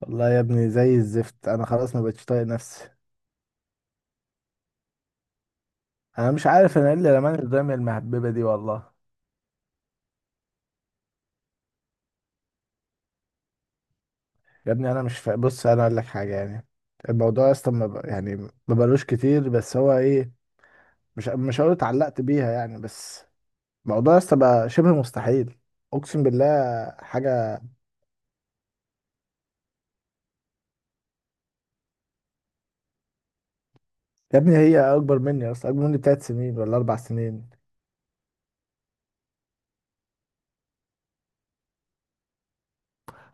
والله يا ابني زي الزفت. انا خلاص ما بقتش طايق نفسي. انا مش عارف انا ايه اللي رماني قدام المهببه دي والله. يا ابني انا مش فا... بص انا اقول لك حاجه يعني. الموضوع اصلا ما ب... يعني ما بقالوش كتير، بس هو ايه؟ مش هقول اتعلقت بيها يعني، بس الموضوع اصلا بقى شبه مستحيل. اقسم بالله حاجه. يا ابني هي اكبر مني اصلا، اكبر مني بتلات سنين ولا اربع سنين.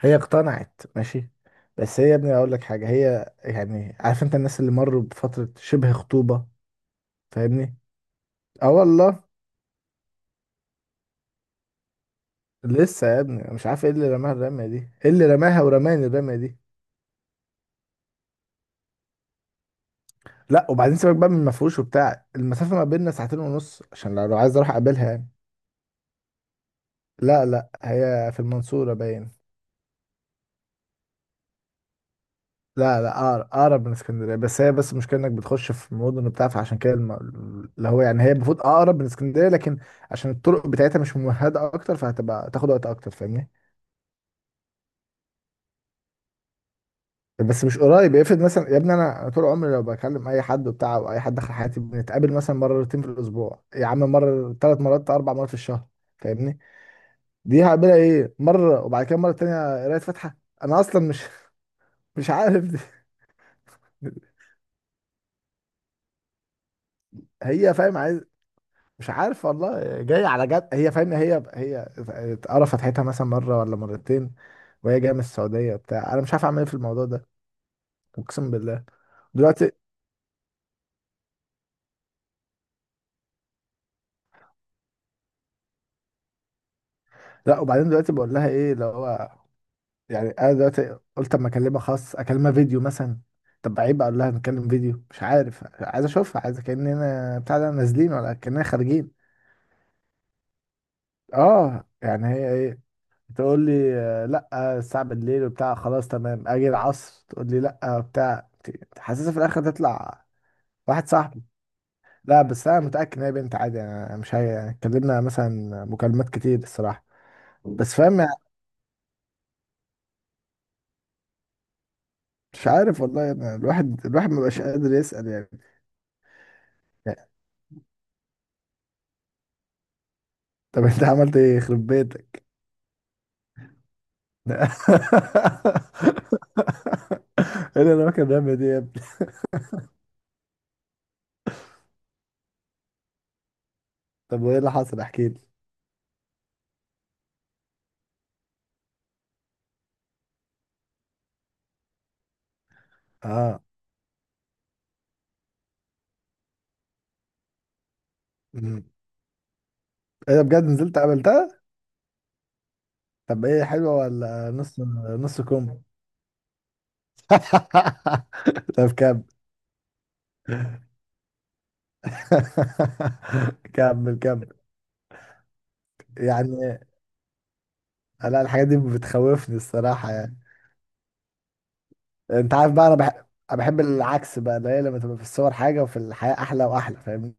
هي اقتنعت ماشي، بس هي يا ابني اقول لك حاجه، هي يعني عارف انت الناس اللي مروا بفتره شبه خطوبه؟ فاهمني. اه والله. لسه يا ابني أنا مش عارف ايه اللي رماها الرمية دي، ايه اللي رماها ورماني الرمية دي. لا وبعدين سيبك بقى من مفروش وبتاع، المسافة ما بيننا ساعتين ونص، عشان لو عايز اروح اقابلها يعني. لا لا، هي في المنصورة باين. لا لا، اقرب من اسكندرية، بس هي بس المشكلة انك بتخش في مدن وبتاع، فعشان كده اللي هو يعني هي المفروض اقرب من اسكندرية، لكن عشان الطرق بتاعتها مش ممهدة اكتر، فهتبقى تاخد وقت اكتر. فاهمني؟ بس مش قريب. افرض مثلا يا ابني انا طول عمري لو بكلم اي حد وبتاع، او اي حد دخل حياتي، بنتقابل مثلا مرتين في الاسبوع يا عم، مره، ثلاث مرات، اربع مرات في الشهر. فاهمني؟ دي هقابلها ايه؟ مره وبعد كده مره تانية قرايه فاتحه. انا اصلا مش مش عارف دي. هي فاهم عايز، مش عارف والله، جايه على جد. هي فاهم هي هي قرا فتحتها مثلا مره ولا مرتين، وهي جايه من السعوديه بتاع. انا مش عارف اعمل ايه في الموضوع ده، اقسم بالله. دلوقتي. لا وبعدين دلوقتي بقول لها ايه اللي هو يعني. انا دلوقتي قلت اما اكلمها خاص، اكلمها فيديو مثلا. طب عيب اقول لها نتكلم فيديو؟ مش عارف، عايز اشوفها، عايز كاننا بتاع ده، نازلين ولا كاننا خارجين. اه يعني هي ايه تقول لي؟ لا الساعه بالليل وبتاع، خلاص تمام اجي العصر تقول لي لا. بتاع حاسسها في الاخر تطلع واحد صاحبي. لا بس انا متاكد ان هي بنت عادي يعني، مش هي يعني، اتكلمنا مثلا مكالمات كتير الصراحه، بس فاهم يعني. مش عارف والله يعني، الواحد مبقاش قادر يسال يعني. طب انت عملت ايه يخرب بيتك؟ ايه اللي انا كان بيعمل دي يا ابني. طب وايه اللي حصل؟ احكي لي. اه. مم. ايه ده بجد؟ نزلت عملتها؟ طب ايه، حلوه ولا نص؟ نص كم؟ طب كمل. كمل كمل. يعني لا، الحاجات دي بتخوفني الصراحه يعني. انت عارف بقى، انا بحب، العكس بقى، اللي هي لما تبقى في الصور حاجه وفي الحياه احلى واحلى. فاهمني؟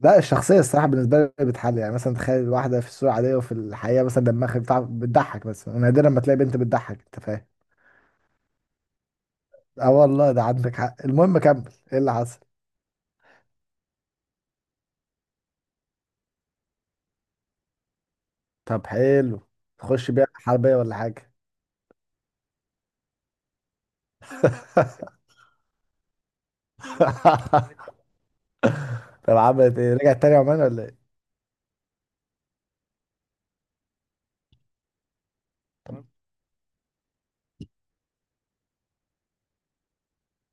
لا، الشخصية الصراحة بالنسبة لي بتحل يعني. مثلا تخيل واحدة في الصورة عادية وفي الحقيقة مثلا دماغها بتاع، بتضحك بس، ونادرا ما تلاقي بنت بتضحك. انت فاهم؟ اه والله ده عندك حق. المهم كمل، ايه اللي حصل؟ طب حلو. تخش بيها حربية ولا حاجة؟ طب عملت ايه؟ رجعت تاني عمان ولا ايه؟ طب.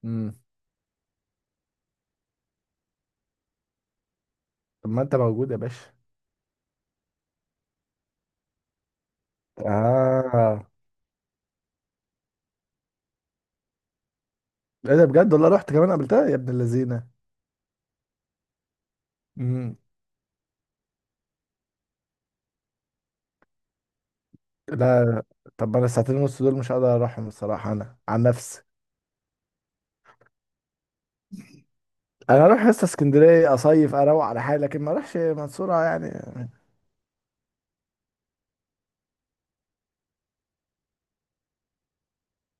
امم. طب ما انت موجود يا باشا. اه. ايه ده بجد؟ والله رحت كمان قابلتها يا ابن اللذينه! امم. لا. طب انا الساعتين ونص دول مش هقدر اروحهم الصراحه، انا عن نفسي. انا اروح حصه اسكندريه اصيف، اروق على حالي، لكن ما اروحش منصوره يعني.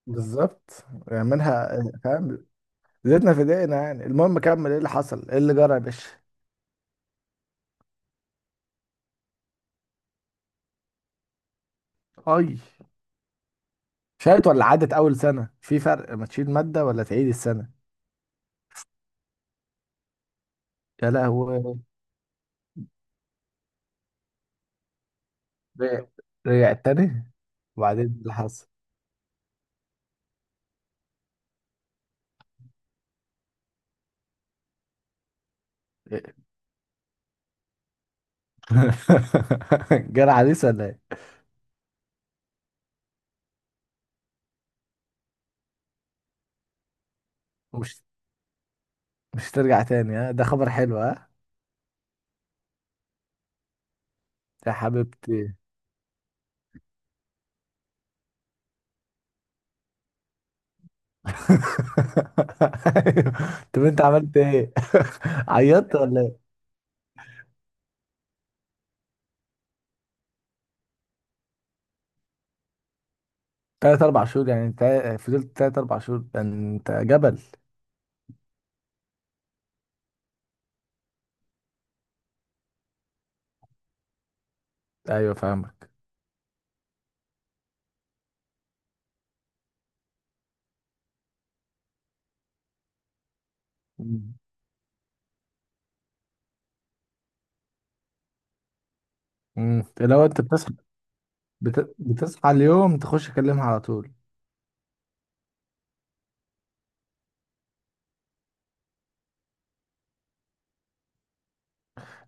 بالظبط يعني، منها فاهم. زيتنا في دقيقنا يعني. المهم كمل، ايه اللي حصل، ايه اللي جرى يا باشا؟ اي. شالت ولا عدت اول سنه؟ في فرق ما تشيل ماده ولا تعيد السنه. يا لهوي. رجع رجع تاني؟ وبعدين إيه اللي حصل؟ إيه؟ جرى عريس ولا ايه؟ مش مش ترجع تاني؟ ها ده خبر حلو ها. يا حبيبتي. طب انت عملت ايه؟ عيطت ولا ايه؟ تلات اربع شهور يعني انت، فضلت تلات اربع شهور؟ ده انت جبل. ايوه فاهمك. مم. مم. لو انت بتصحى، بتصحى اليوم تخش تكلمها على طول؟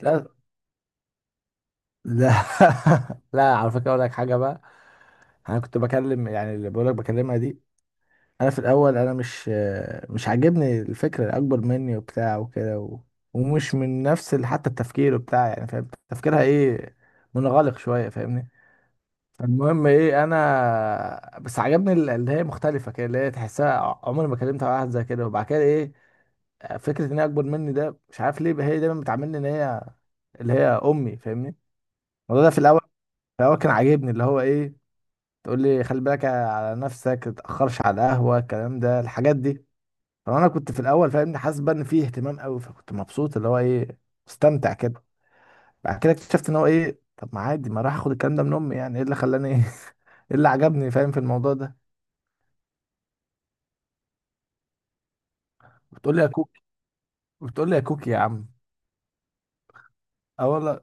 لا لا. لا، على فكره اقول لك حاجه بقى. انا كنت بكلم يعني اللي بقول لك بكلمها دي. انا في الاول مش عاجبني الفكره، الاكبر مني وبتاع وكده ومش من نفس حتى التفكير بتاع يعني. فاهم تفكيرها ايه؟ منغلق شويه. فاهمني؟ المهم ايه، انا بس عجبني اللي هي مختلفه كده، اللي هي تحسها عمري ما كلمت واحد زي كده. وبعد كده ايه؟ فكره ان هي اكبر مني ده، مش عارف ليه هي دايما بتعاملني ان هي اللي هي امي. فاهمني؟ الموضوع ده في الاول، في الاول كان عاجبني اللي هو ايه، تقول لي خلي بالك على نفسك، تتاخرش على القهوه، الكلام ده الحاجات دي. فانا كنت في الاول فاهمني حاسس بقى ان فيه اهتمام قوي، فكنت مبسوط اللي هو ايه، مستمتع كده. بعد كده اكتشفت ان هو ايه، طب ما عادي، ما راح اخد الكلام ده من امي؟ يعني ايه اللي خلاني ايه إيه اللي عجبني فاهم في الموضوع ده؟ بتقول لي يا كوكي، بتقول لي يا كوكي يا عم. اه والله.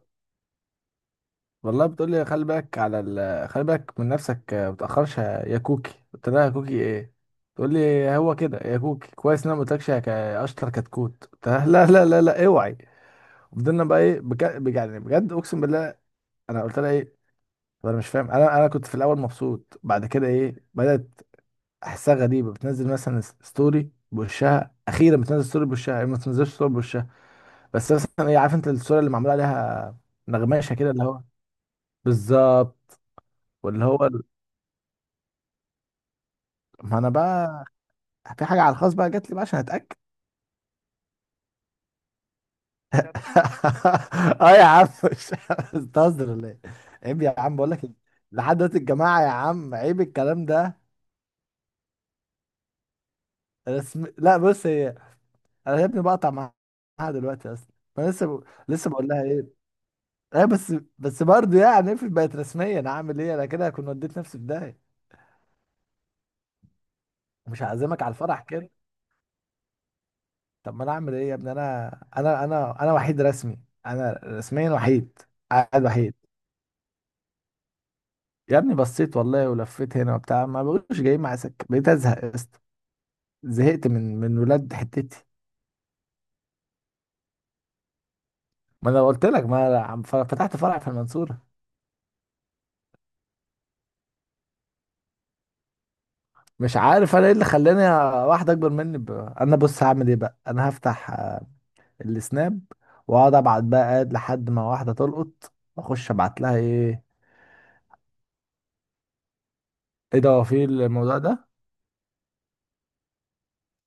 والله بتقول لي خلي بالك على خلي بالك من نفسك، ما تاخرش يا كوكي. قلت لها يا كوكي ايه؟ تقول لي هو كده يا كوكي، كويس ان انا ما قلتلكش يا اشطر كتكوت. قلت لها لا لا لا لا اوعي. وفضلنا بقى ايه، بجد يعني بجد اقسم بالله. انا قلت لها فانا مش فاهم انا كنت في الاول مبسوط، بعد كده ايه بدات احسها غريبه، بتنزل مثلا ستوري بوشها اخيرا، بتنزل ستوري بوشها. هي ما بتنزلش ستوري بوشها، بس مثلا ايه، عارف انت الصوره اللي معمول عليها نغماشه كده اللي هو. بالظبط. واللي هو ال- ما انا بقى في حاجه على الخاص بقى جات لي بقى عشان اتاكد. اه يا عم مش بتهزر ولا ايه؟ عيب يا عم، بقول لك لحد دلوقتي الجماعه يا عم، عيب الكلام ده. لا بص هي، انا يا ابني بقطع معاها دلوقتي اصلا. انا لسه بقول لها ايه، ايه بس. بس برضه يعني افرض بقت رسميا، انا اعمل ايه؟ انا كده كنت وديت نفسي في داهيه. مش هعزمك على الفرح كده. طب ما انا اعمل ايه يا ابني؟ انا وحيد رسمي، انا رسميا وحيد، قاعد وحيد. يا ابني بصيت والله ولفيت هنا وبتاع، ما بقولش جاي مع سكه، بقيت ازهق يا اسطى. زهقت من ولاد حتتي. ما انا قلت لك، ما أنا فتحت فرع في المنصوره. مش عارف انا ايه اللي خلاني واحد اكبر مني انا بص هعمل ايه بقى، انا هفتح السناب واقعد ابعت بقى، قاعد لحد ما واحده تلقط واخش ابعت لها ايه. ايه ده، هو في الموضوع ده؟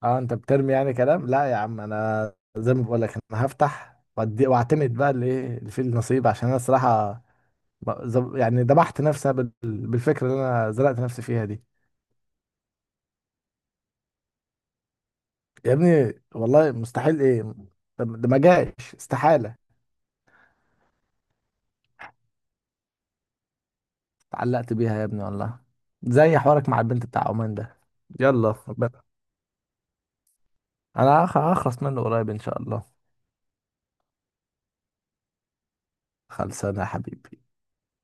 اه انت بترمي يعني كلام. لا يا عم انا زي ما بقول لك، انا هفتح واعتمد بقى اللي، ايه اللي فيه النصيب. عشان انا الصراحه يعني ذبحت نفسي بالفكره اللي انا زرعت نفسي فيها دي. يا ابني والله مستحيل ايه؟ ده ما جاش استحاله. اتعلقت بيها يا ابني والله، زي حوارك مع البنت بتاع عمان ده. يلا ربنا، انا هخلص منه قريب ان شاء الله. خلصانه يا حبيبي.